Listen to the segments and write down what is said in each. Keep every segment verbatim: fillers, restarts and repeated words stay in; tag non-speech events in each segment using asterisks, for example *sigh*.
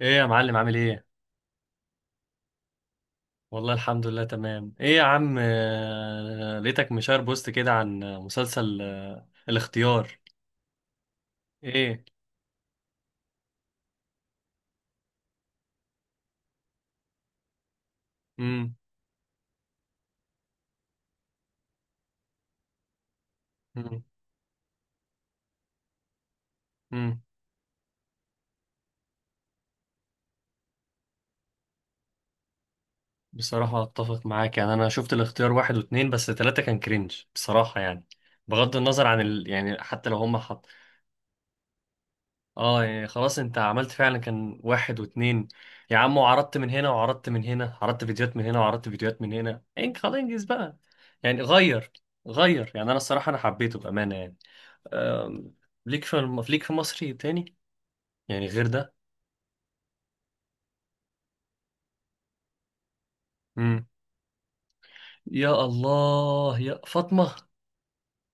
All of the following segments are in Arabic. ايه يا معلم؟ عامل ايه؟ والله الحمد لله تمام. ايه يا عم، آه، لقيتك مشار بوست كده عن مسلسل آه، الاختيار. ايه؟ امم امم امم بصراحة اتفق معاك، يعني انا شفت الاختيار واحد واتنين، بس تلاتة كان كرنج بصراحة. يعني بغض النظر عن ال... يعني حتى لو هم. اه يعني خلاص، انت عملت فعلا كان واحد واتنين يا عم، وعرضت من هنا وعرضت من هنا، عرضت فيديوهات من هنا وعرضت فيديوهات من هنا، انك خلاص انجز بقى. يعني غير، غير يعني انا الصراحة انا حبيته بأمانة يعني. أم... ليك في الم... ليك في مصري تاني، يعني غير ده. مم. يا الله يا فاطمة،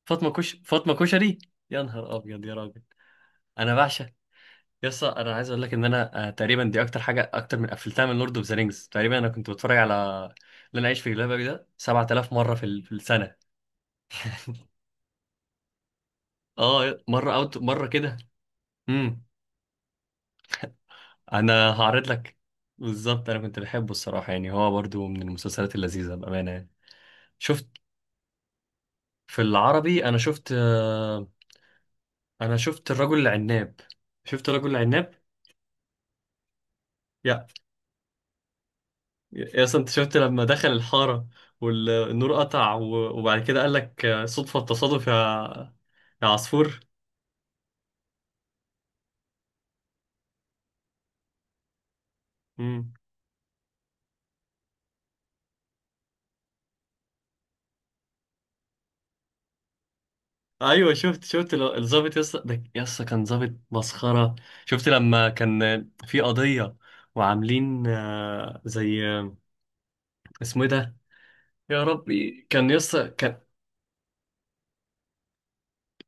فاطمة كش، فاطمة كشري. يا نهار ابيض يا راجل. انا بعشق، يس انا عايز اقول لك ان انا، آه، تقريبا دي اكتر حاجه اكتر من قفلتها من لورد اوف ذا رينجز. تقريبا انا كنت بتفرج على اللي انا عايش في جلباب ده سبعة آلاف مره في ال- في السنه. اه مره اوت مره كده. امم انا هعرض لك. بالظبط انا كنت بحبه الصراحه، يعني هو برضو من المسلسلات اللذيذه بامانه يعني. شفت، في العربي انا شفت، آه، انا شفت الرجل العناب، شفت الرجل العناب يا يا اسطى، انت شفت لما دخل الحارة والنور قطع و- وبعد كده قال لك صدفة التصادف يا يا عصفور. مم. ايوه شفت، شفت ال- الظابط يا اسطى، ده يا اسطى كان ظابط مسخرة. شفت لما كان في قضية وعاملين، آه، زي، آه، اسمه ايه ده، يا ربي، كان يا اسطى كان.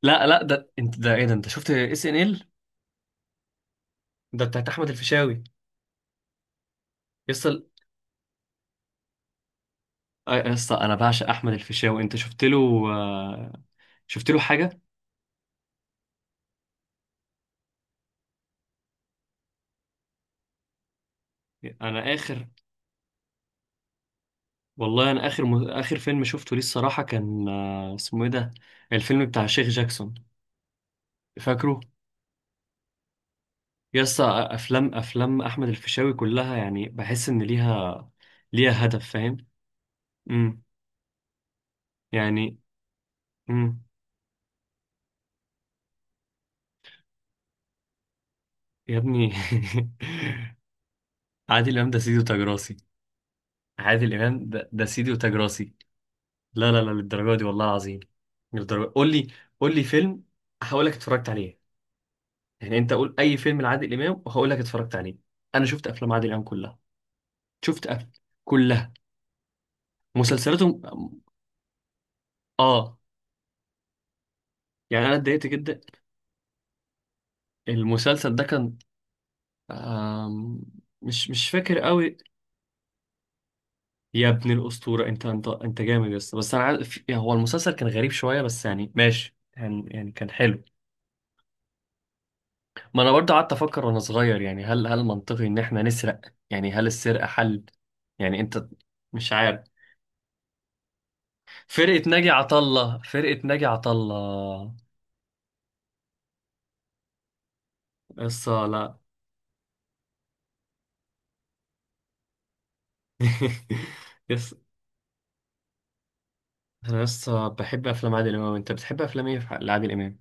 لا لا ده انت، ده ايه ده، انت شفت اس ان ال ده بتاعت احمد الفيشاوي يا اسطى. آه، يا اسطى انا بعشق احمد الفيشاوي. انت شفت له آه، شفت له حاجة؟ انا اخر، والله انا اخر م... اخر فيلم شفته ليه الصراحه كان، آه، اسمه ايه ده، الفيلم بتاع شيخ جاكسون، فاكره؟ يا اسطى افلام، افلام احمد الفيشاوي كلها يعني بحس ان ليها، ليها هدف فاهم. امم يعني. امم يا ابني، *laughs* عادل امام ده سيدي وتاج راسي. عادل امام ده, ده سيدي وتاج راسي. لا لا لا للدرجه دي والله العظيم، للدرجه. قول لي، قول لي فيلم هقول لك اتفرجت عليه. يعني انت قول اي فيلم لعادل امام وهقول لك اتفرجت عليه. انا شفت افلام عادل امام كلها. شفت أف- كلها، مسلسلاتهم. اه يعني انا اتضايقت جدا. المسلسل ده كان، آم... مش، مش فاكر قوي. يا ابن الاسطوره، انت انت انت جامد. بس بس انا عارف يعني هو المسلسل كان غريب شويه بس يعني ماشي، يعني يعني كان حلو. ما انا برضه قعدت افكر وانا صغير، يعني هل هل منطقي ان احنا نسرق؟ يعني هل السرقه حل؟ يعني انت، مش عارف. فرقه ناجي عطا الله، فرقه ناجي عطا الله. قصه، لا. *laughs* يس، انا لسه بحب افلام عادل امام. انت بتحب افلام ايه في- لعادل امام؟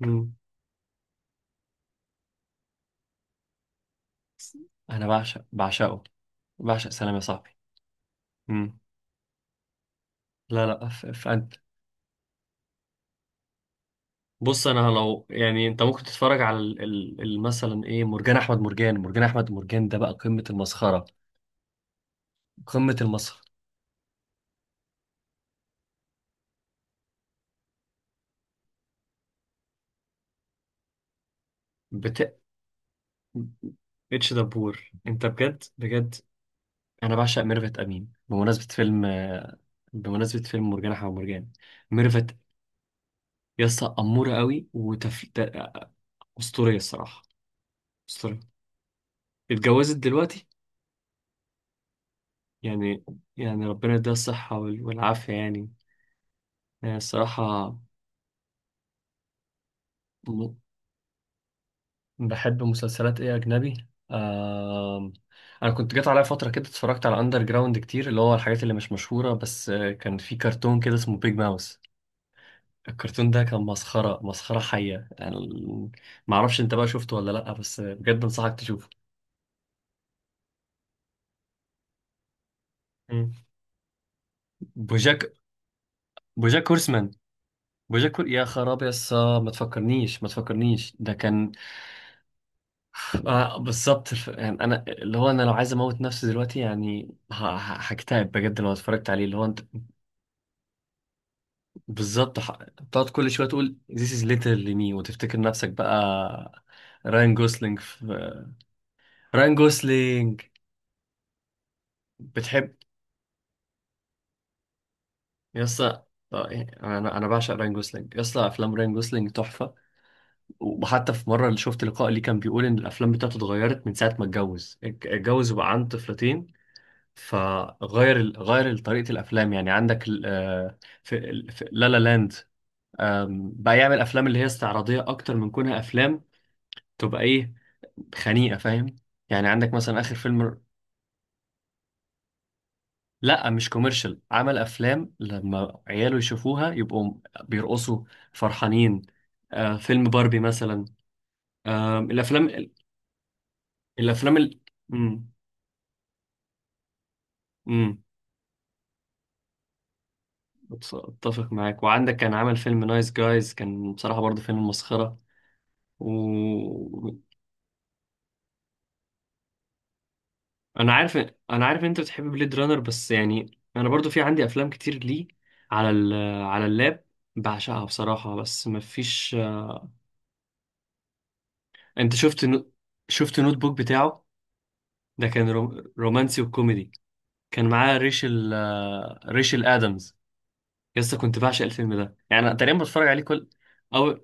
مم. انا بعشق، بعشقه، بعشق سلام يا صاحبي. مم. لا لا، ف- فانت، بص انا لو يعني انت ممكن تتفرج على ال- ال- ال- مثلا ايه، مرجان احمد مرجان. مرجان احمد مرجان ده بقى قمة المسخرة، قمة المسخرة. بت... اتش دبور، انت بجد، بجد انا بعشق ميرفت امين، بمناسبة فيلم، بمناسبة فيلم مرجان احمد مرجان. ميرفت يسطا، أمورة قوي وتف... أسطورية الصراحة، أسطورية. اتجوزت دلوقتي يعني، يعني ربنا يديها الصحة وال- والعافية يعني، يعني الصراحة. م- بحب مسلسلات إيه أجنبي، آم، أنا كنت جات عليا فترة كده اتفرجت على أندر جراوند كتير، اللي هو الحاجات اللي مش مشهورة، بس آه، كان في كرتون كده اسمه بيج ماوس. الكرتون ده كان مسخرة، مسخرة حية يعني ال- معرفش أنت بقى شفته ولا لأ، بس بجد أنصحك تشوفه. مم. بوجاك، بوجاك هورسمان. بوجاكل يا خراب يسا، ما تفكرنيش، ما تفكرنيش، ده كان، آه بالظبط الف... يعني انا اللي هو انا لو عايز اموت نفسي دلوقتي يعني ه- ه- هكتئب بجد لو اتفرجت عليه، اللي هو انت بالظبط، ح- بتقعد كل شويه تقول this is literally me وتفتكر نفسك بقى راين جوسلينج في... راين جوسلينج. بتحب، يسا، آه، يعني انا انا بعشق راين جوسلينج يسا، افلام راين جوسلينج تحفه. وحتى في مره اللي شفت لقاء ليه كان بيقول ان الافلام بتاعته اتغيرت من ساعه ما اتجوز، اتجوز وبقى عنده طفلتين، فغير ال- غير طريقة الأفلام. يعني عندك ال- آه، في ال- في لا لا لاند، آم، بقى يعمل أفلام اللي هي استعراضية أكتر من كونها أفلام تبقى إيه، خنيقة فاهم. يعني عندك مثلا آخر فيلم، لا مش كوميرشال، عمل أفلام لما عياله يشوفوها يبقوا بيرقصوا فرحانين. آه، فيلم باربي مثلا، آم، الأفلام، الأفلام ال... مم، مم، أتف- أتفق معاك. وعندك كان عمل فيلم نايس جايز، كان بصراحة برضه فيلم مسخرة. و... انا عارف، انا عارف ان انت بتحب بليد رانر، بس يعني انا برضو في عندي افلام كتير ليه على ال... على اللاب بعشقها بصراحة، بس مفيش. انت شفت نو... شفت نوت بوك بتاعه؟ ده كان روم... رومانسي وكوميدي، كان معاه ريشل، آه، ريشل ادمز. لسه كنت بعشق الفيلم ده، يعني أنا تقريبا بتفرج عليه كل، او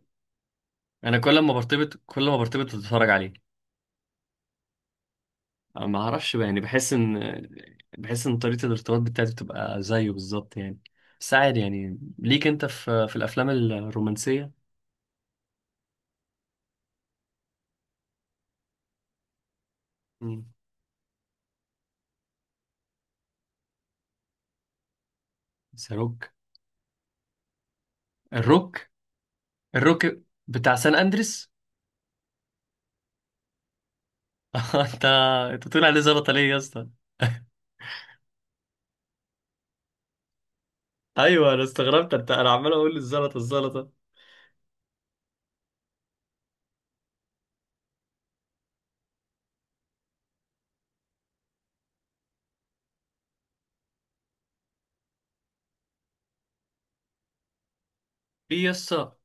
انا كل ما برتبط، كل ما برتبط بتفرج عليه. ما اعرفش بقى، يعني بحس ان، بحس ان طريقة الارتباط بتاعتي بتبقى زيه بالظبط يعني. بس عادي يعني، ليك انت في، في الافلام الرومانسية. مم. بس روك. الروك، الروك بتاع سان اندريس. *laughs* انت، انت بتقول عليه زلطة ليه يا اسطى؟ *laughs* ايوه انا استغربت، انت، انا عمال اقول الزلطه الزلطه. في يسا،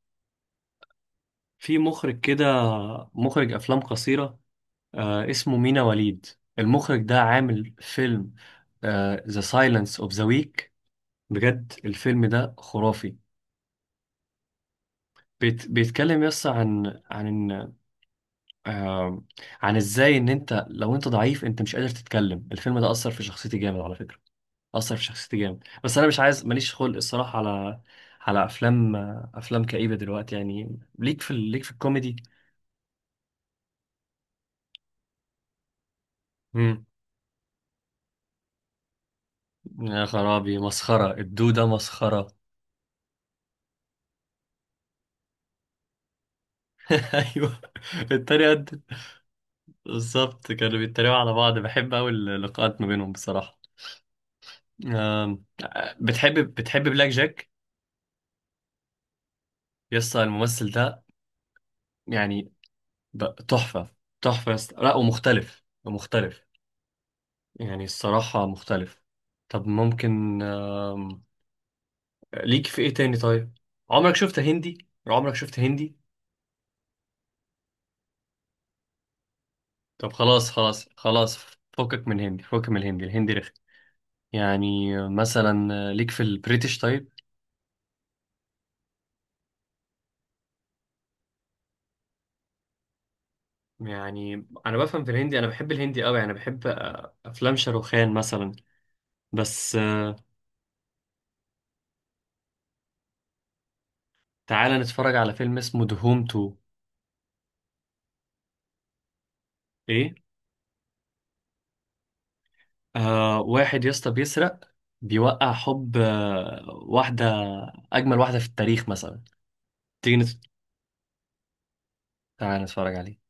في مخرج كده، مخرج افلام قصيره، آه اسمه مينا وليد. المخرج ده عامل فيلم ذا سايلنس اوف ذا ويك. بجد الفيلم ده خرافي. بيت بيتكلم يس عن، عن ان، آه عن ازاي ان انت لو انت ضعيف انت مش قادر تتكلم. الفيلم ده اثر في شخصيتي جامد على فكره، اثر في شخصيتي جامد. بس انا مش عايز، ماليش خلق الصراحه على، على افلام، افلام كئيبه دلوقتي. يعني ليك في ال- ليك في الكوميدي. امم يا خرابي، مسخره الدوده، مسخره. *laughs* ايوه التريقه دي. بالظبط كانوا بيتريقوا على بعض، بحب قوي اللقاءات ما بينهم بصراحه. آم، بتحب، بتحب بلاك جاك؟ يسطا الممثل ده يعني، ب- تحفة، تحفة يسطا. لا ومختلف، مختلف يعني، الصراحة مختلف. طب ممكن، آم، ليك في ايه تاني طيب؟ عمرك شفت هندي؟ عمرك شفت هندي؟ طب خلاص خلاص خلاص، فكك من هندي، فكك من الهندي، الهندي رخي. يعني مثلا، آه، ليك في البريتش طيب؟ يعني انا بفهم في الهندي، انا بحب الهندي قوي، يعني بحب آه، افلام شاروخان مثلا بس. تعالى نتفرج على فيلم اسمه دهوم اتنين. ايه، آه واحد يا اسطى بيسرق، بيوقع حب آه واحدة أجمل واحدة في التاريخ مثلا. تيجي نت... تعالى نتفرج عليه.